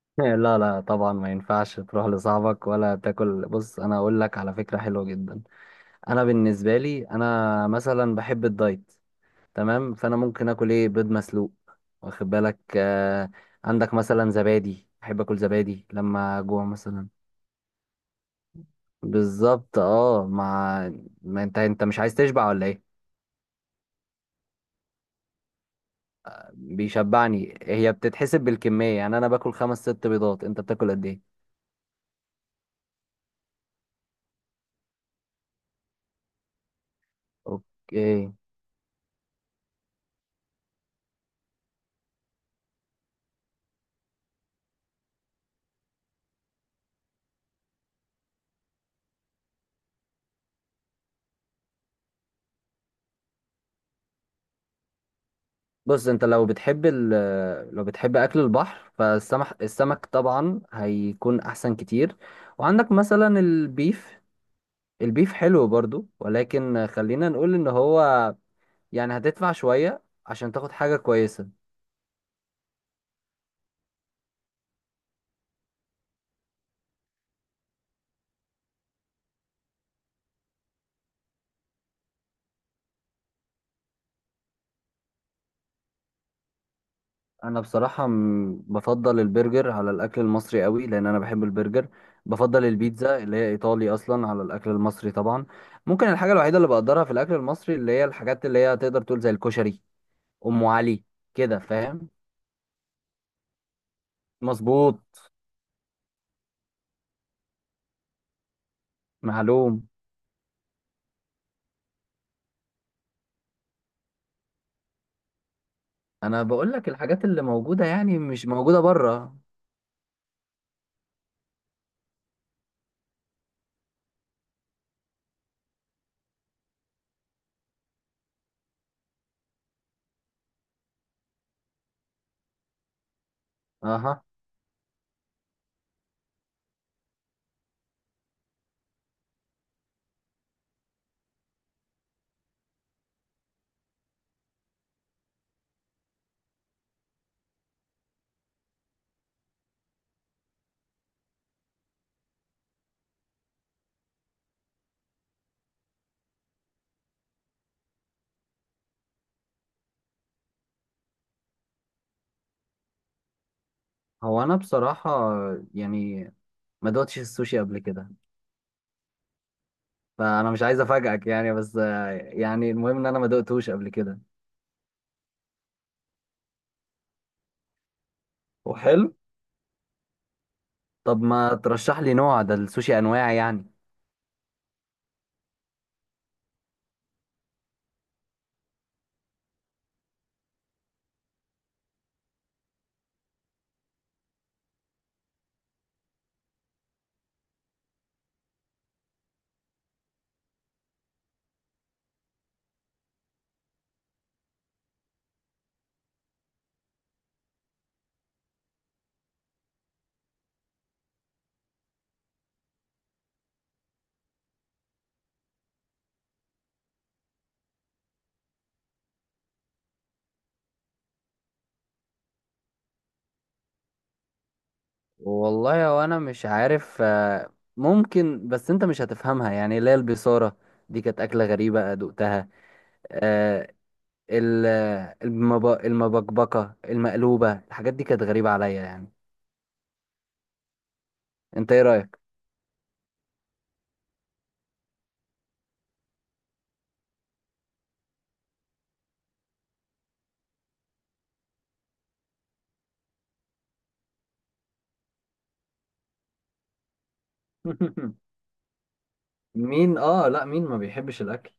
لا لا، طبعا ما ينفعش تروح لصاحبك ولا تاكل. بص، انا اقول لك على فكره حلوه جدا. انا بالنسبه لي، انا مثلا بحب الدايت. تمام، فانا ممكن اكل، ايه، بيض مسلوق. واخد بالك؟ عندك مثلا زبادي، بحب اكل زبادي لما جوع مثلا. بالظبط، اه، ما انت مش عايز تشبع ولا ايه؟ بيشبعني، هي بتتحسب بالكميه، يعني انا باكل خمس ست بيضات، انت بتاكل قد ايه؟ اوكي. بص، انت لو بتحب لو بتحب اكل البحر، فالسمك، السمك طبعا هيكون احسن كتير. وعندك مثلا البيف، البيف حلو برضو، ولكن خلينا نقول ان هو يعني هتدفع شوية عشان تاخد حاجة كويسة. انا بصراحة بفضل البرجر على الاكل المصري قوي لان انا بحب البرجر. بفضل البيتزا اللي هي ايطالي اصلا على الاكل المصري طبعا. ممكن الحاجة الوحيدة اللي بقدرها في الاكل المصري، اللي هي الحاجات اللي هي تقدر تقول زي الكشري، ام علي، كده فاهم؟ مظبوط. معلوم. انا بقول لك الحاجات اللي موجوده، يعني مش موجوده بره. اها. هو انا بصراحه يعني ما دقتش السوشي قبل كده، فانا مش عايز افاجئك يعني، بس يعني المهم ان انا ما دقتهوش قبل كده. وحلو. طب ما ترشح لي نوع، ده السوشي انواع يعني. والله هو انا مش عارف، ممكن، بس انت مش هتفهمها، يعني اللي هي البيصاره، دي كانت اكله غريبه دقتها. ال- المبكبكة المقلوبة، الحاجات دي كانت غريبة عليا يعني. انت ايه رأيك؟ اه لا، مين ما بيحبش الاكل؟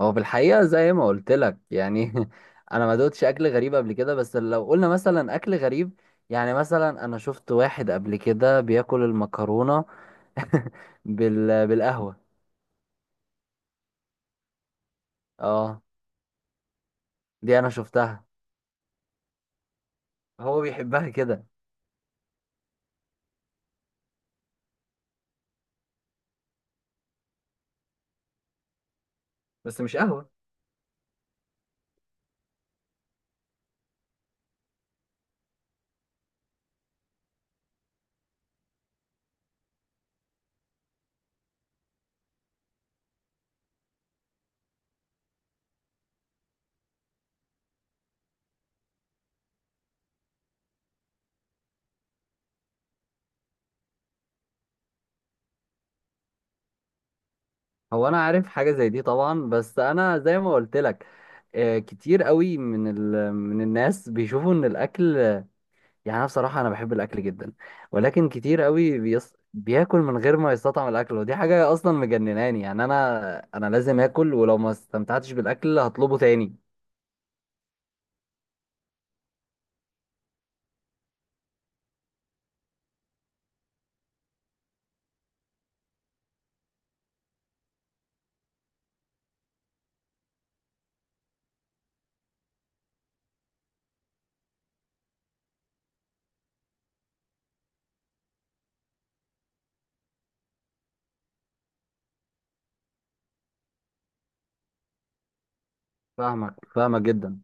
هو في الحقيقة زي ما قلت لك يعني. أنا ما دوتش أكل غريب قبل كده، بس لو قلنا مثلا أكل غريب، يعني مثلا أنا شفت واحد قبل كده بياكل المكرونة بالقهوة. اه، دي أنا شفتها، هو بيحبها كده، بس مش قهوة. هو انا عارف حاجه زي دي طبعا، بس انا زي ما قلت لك، كتير قوي من الناس بيشوفوا ان الاكل يعني، انا بصراحه انا بحب الاكل جدا، ولكن كتير قوي بياكل من غير ما يستطعم الاكل، ودي حاجه اصلا مجنناني يعني. انا لازم اكل، ولو ما استمتعتش بالاكل هطلبه تاني. فاهمك، فاهمك جدا.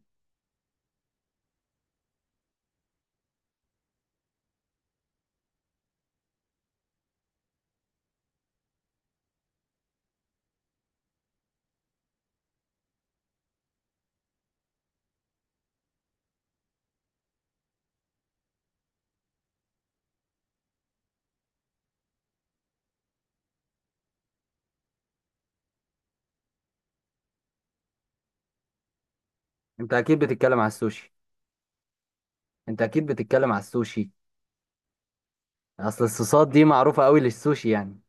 انت اكيد بتتكلم على السوشي. انت اكيد بتتكلم على السوشي. اصل الصوصات دي معروفه قوي للسوشي يعني.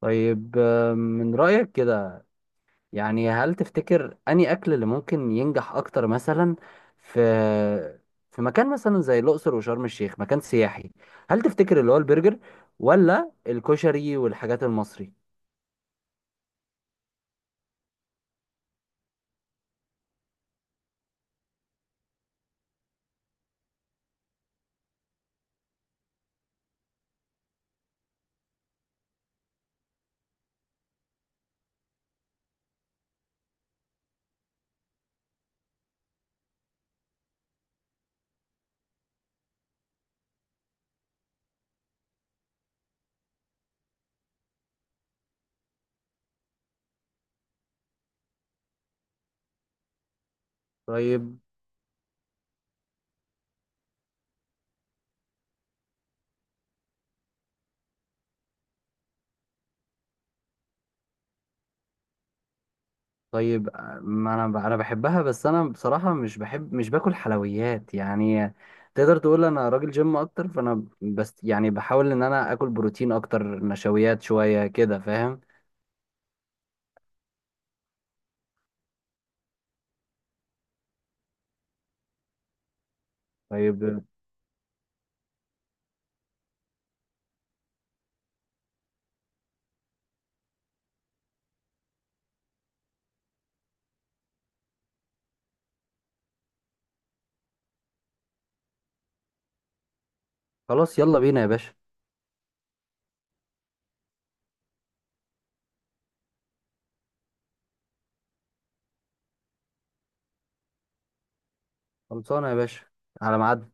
طيب، من رايك كده يعني، هل تفتكر أنهي أكل اللي ممكن ينجح أكتر مثلا في مكان مثلا زي الأقصر وشرم الشيخ، مكان سياحي؟ هل تفتكر اللي هو البرجر ولا الكشري والحاجات المصري؟ طيب. طيب. ما أنا أنا بحبها، بس أنا بصراحة مش بحب، مش باكل حلويات يعني. تقدر تقول أنا راجل جيم أكتر، فأنا بس يعني بحاول إن أنا آكل بروتين أكتر، نشويات شوية، كده فاهم؟ طيب. خلاص، يلا بينا يا باشا. خلصانة يا باشا، على ميعاد.